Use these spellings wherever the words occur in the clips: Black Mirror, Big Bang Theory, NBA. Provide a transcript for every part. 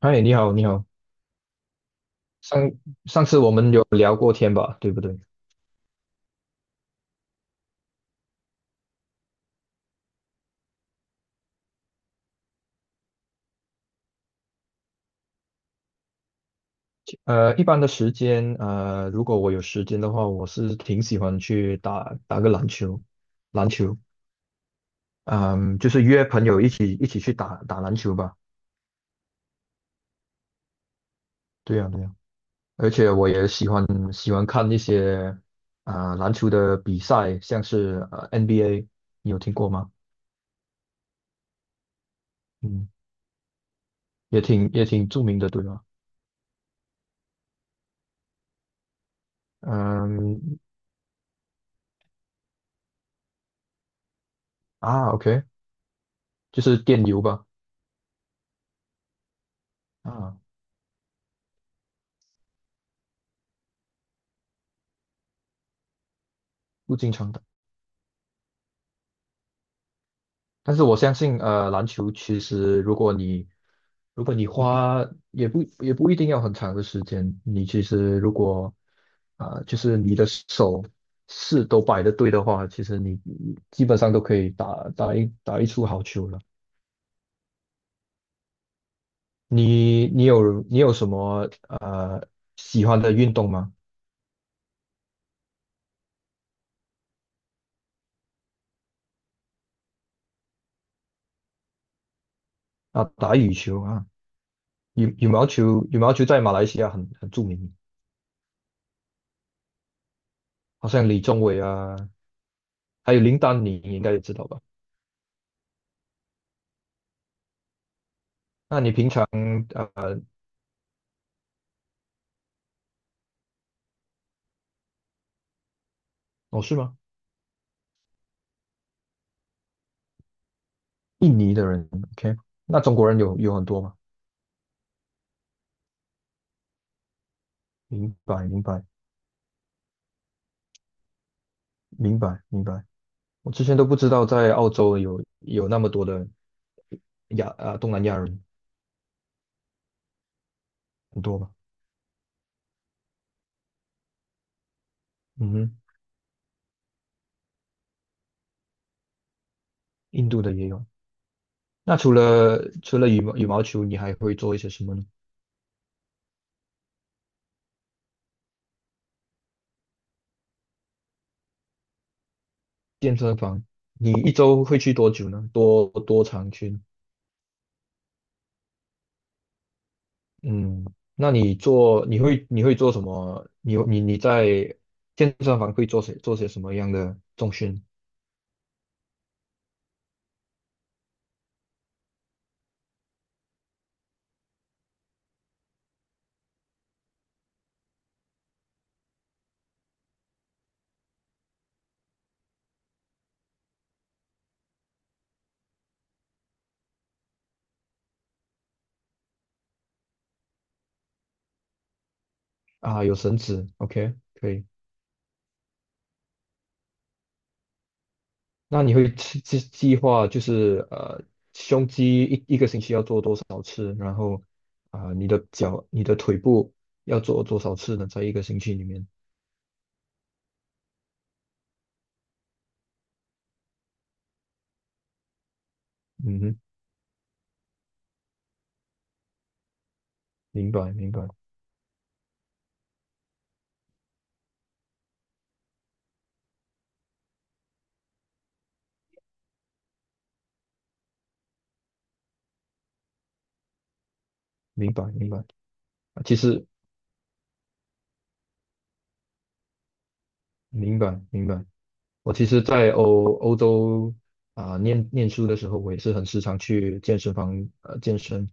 嗨，你好，你好。上上次我们有聊过天吧，对不对？一般的时间，如果我有时间的话，我是挺喜欢去打个篮球，篮球，嗯，就是约朋友一起去打篮球吧。对呀，对呀。而且我也喜欢看一些篮球的比赛，像是NBA，你有听过吗？嗯，也挺著名的，对吗？嗯啊，OK，就是电游吧。啊，不经常打。但是我相信，篮球其实如果你花也不一定要很长的时间，你其实如果就是你的手势都摆的对的话，其实你基本上都可以打一出好球了。你有什么喜欢的运动吗？啊，打羽球啊。羽毛球在马来西亚很著名，好像李宗伟啊，还有林丹，你应该也知道吧？那你平常？呃？哦，是吗？印尼的人，OK，那中国人有很多吗？明白，明白，明白，明白。我之前都不知道在澳洲有那么多的东南亚人。很多吧？嗯哼。印度的也有。那除了羽毛球，你还会做一些什么呢？健身房，你一周会去多久呢？多长去呢？嗯，那你会做什么？你在健身房会做些什么样的重训？啊？有绳子，OK，可以。那你会计划就是，胸肌一个星期要做多少次，然后你的脚、你的腿部要做多少次呢？在一个星期里面。嗯哼，明白，明白，明白，明白。啊，其实明白，明白。我其实，在欧洲念书的时候，我也是很时常去健身房健身。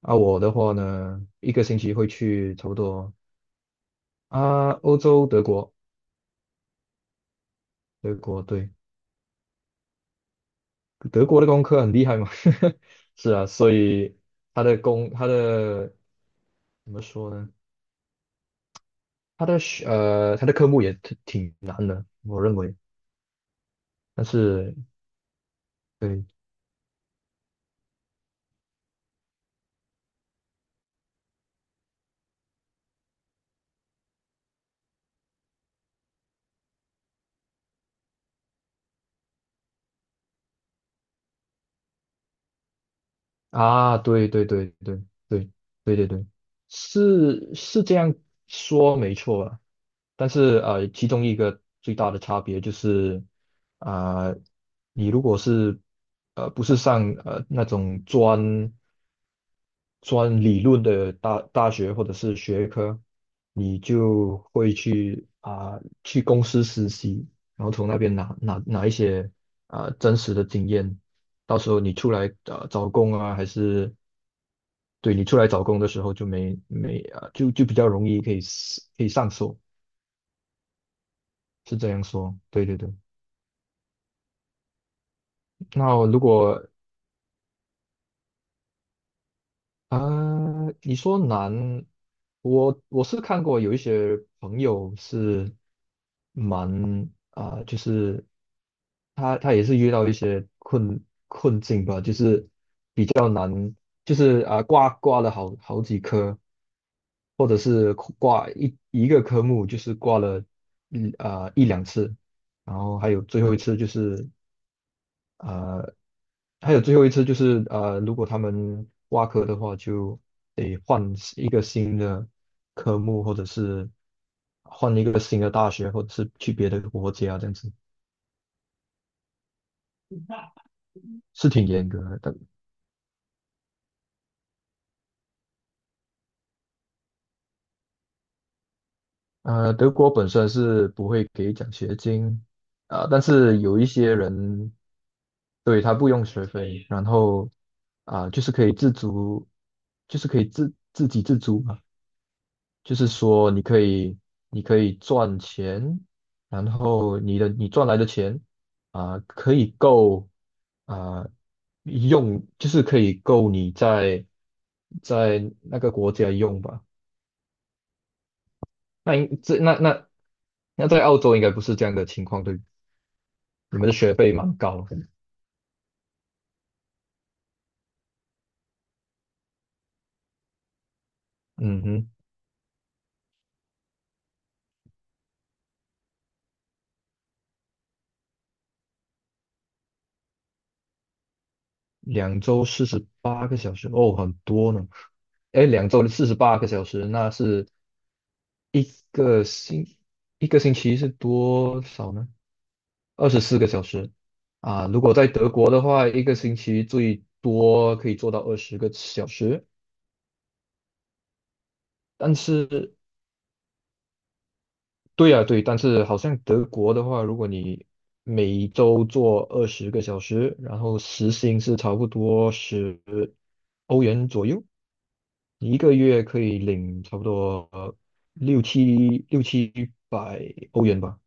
啊，我的话呢，一个星期会去差不多。啊，欧洲德国。德国对。德国的工科很厉害嘛。是啊，所以他的怎么说呢？他的科目也挺难的，我认为。但是对啊，对对对对对对对对，是这样说没错啊。但是其中一个最大的差别就是啊、你如果是不是上那种专理论的大学或者是学科，你就会去公司实习，然后从那边拿一些真实的经验，到时候你出来找工啊，还是对，你出来找工的时候就没没啊、就就比较容易可以 可以上手，是这样说，对对对。那如果啊，你说难，我是看过有一些朋友是蛮就是他也是遇到一些困境吧，就是比较难，就是挂了好几科，或者是挂一个科目就是挂了一两次。然后呃，还有最后一次就是如果他们挖科的话，就得换一个新的科目，或者是换一个新的大学，或者是去别的国家，这样子。是挺严格的。但德国本身是不会给奖学金，但是有一些人。对，他不用学费，然后就是可以自足，就是可以自给自足嘛。就是说你可以赚钱，然后你赚来的钱可以够啊、用，就是可以够你在那个国家用吧。那应这那那那在澳洲应该不是这样的情况，对不对？你们的学费蛮高的。嗯哼。两周四十八个小时，哦，很多呢。哎，两周四十八个小时，那是一个星一个星期是多少呢？二十四个小时啊。如果在德国的话，一个星期最多可以做到二十个小时。但是对呀，对，但是好像德国的话，如果你每周做二十个小时，然后时薪是差不多十欧元左右。你一个月可以领差不多六七六七百欧元吧。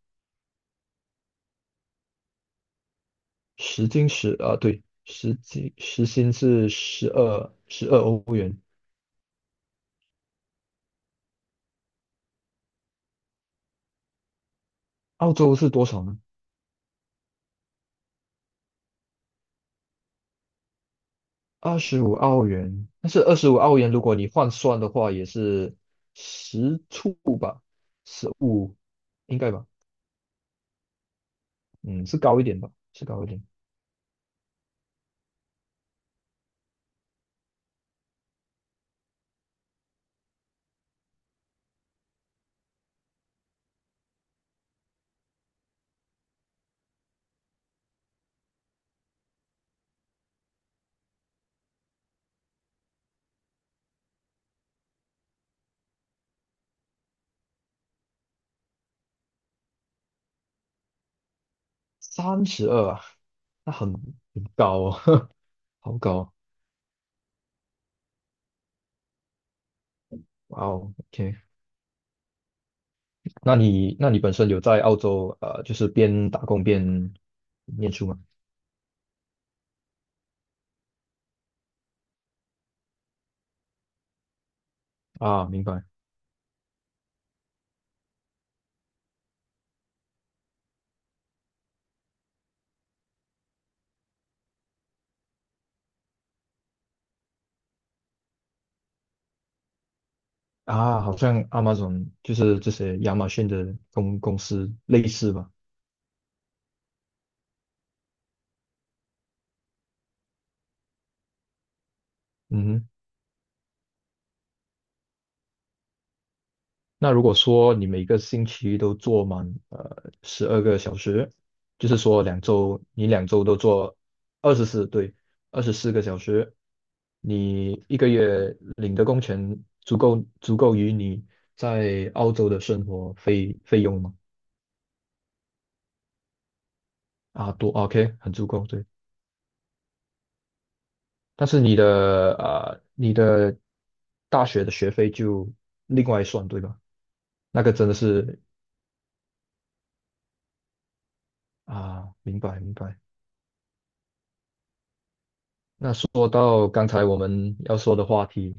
时薪十啊，对，时薪是十二欧元。澳洲是多少呢？二十五澳元。但是二十五澳元，如果你换算的话，也是十处吧，十五应该吧。嗯，是高一点吧，是高一点。32啊。那很高哦。好高哦。哇哦，OK。那你本身有在澳洲，就是边打工边念书吗？啊，明白。啊，好像 Amazon 就是这些亚马逊的公司类似吧。嗯。那如果说你每个星期都做满十二个小时，就是说你两周都做二十四，对，二十四个小时，你一个月领的工钱足够于你在澳洲的生活费用吗？啊，多 OK，很足够，对。但是你的大学的学费就另外算，对吧？那个真的是。啊，明白明白。那说到刚才我们要说的话题，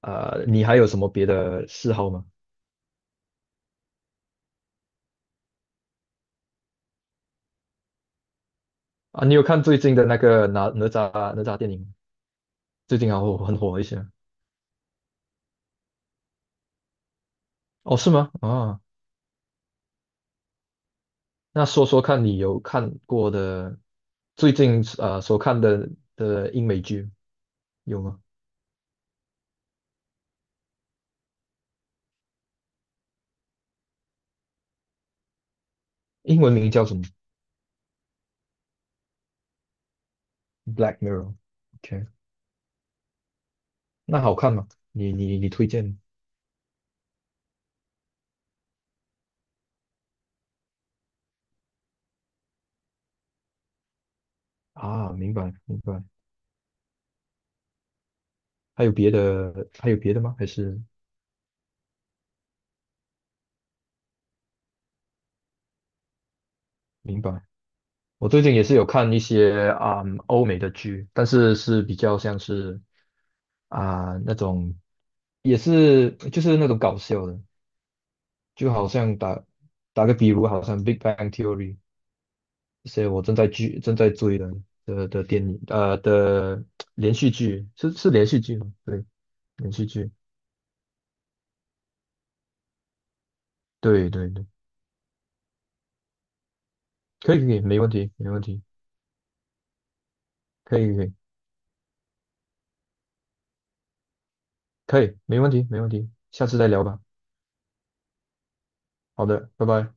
你还有什么别的嗜好吗？啊，你有看最近的那个哪吒电影吗？最近好火，很火一些。哦，是吗？啊，那说说看你有看过的最近所看的英美剧有吗？英文名叫什么？Black Mirror。OK，那好看吗？你推荐啊？明白明白。还有别的吗？还是明白？我最近也是有看一些欧美的剧，但是是比较像是那种，也是就是那种搞笑的，就好像打个比如，好像《Big Bang Theory》这些我正在追的的连续剧。是连续剧吗？对，连续剧，对对对，可以可以，没问题没问题。可以可以可以，没问题没问题。下次再聊吧。好的，拜拜。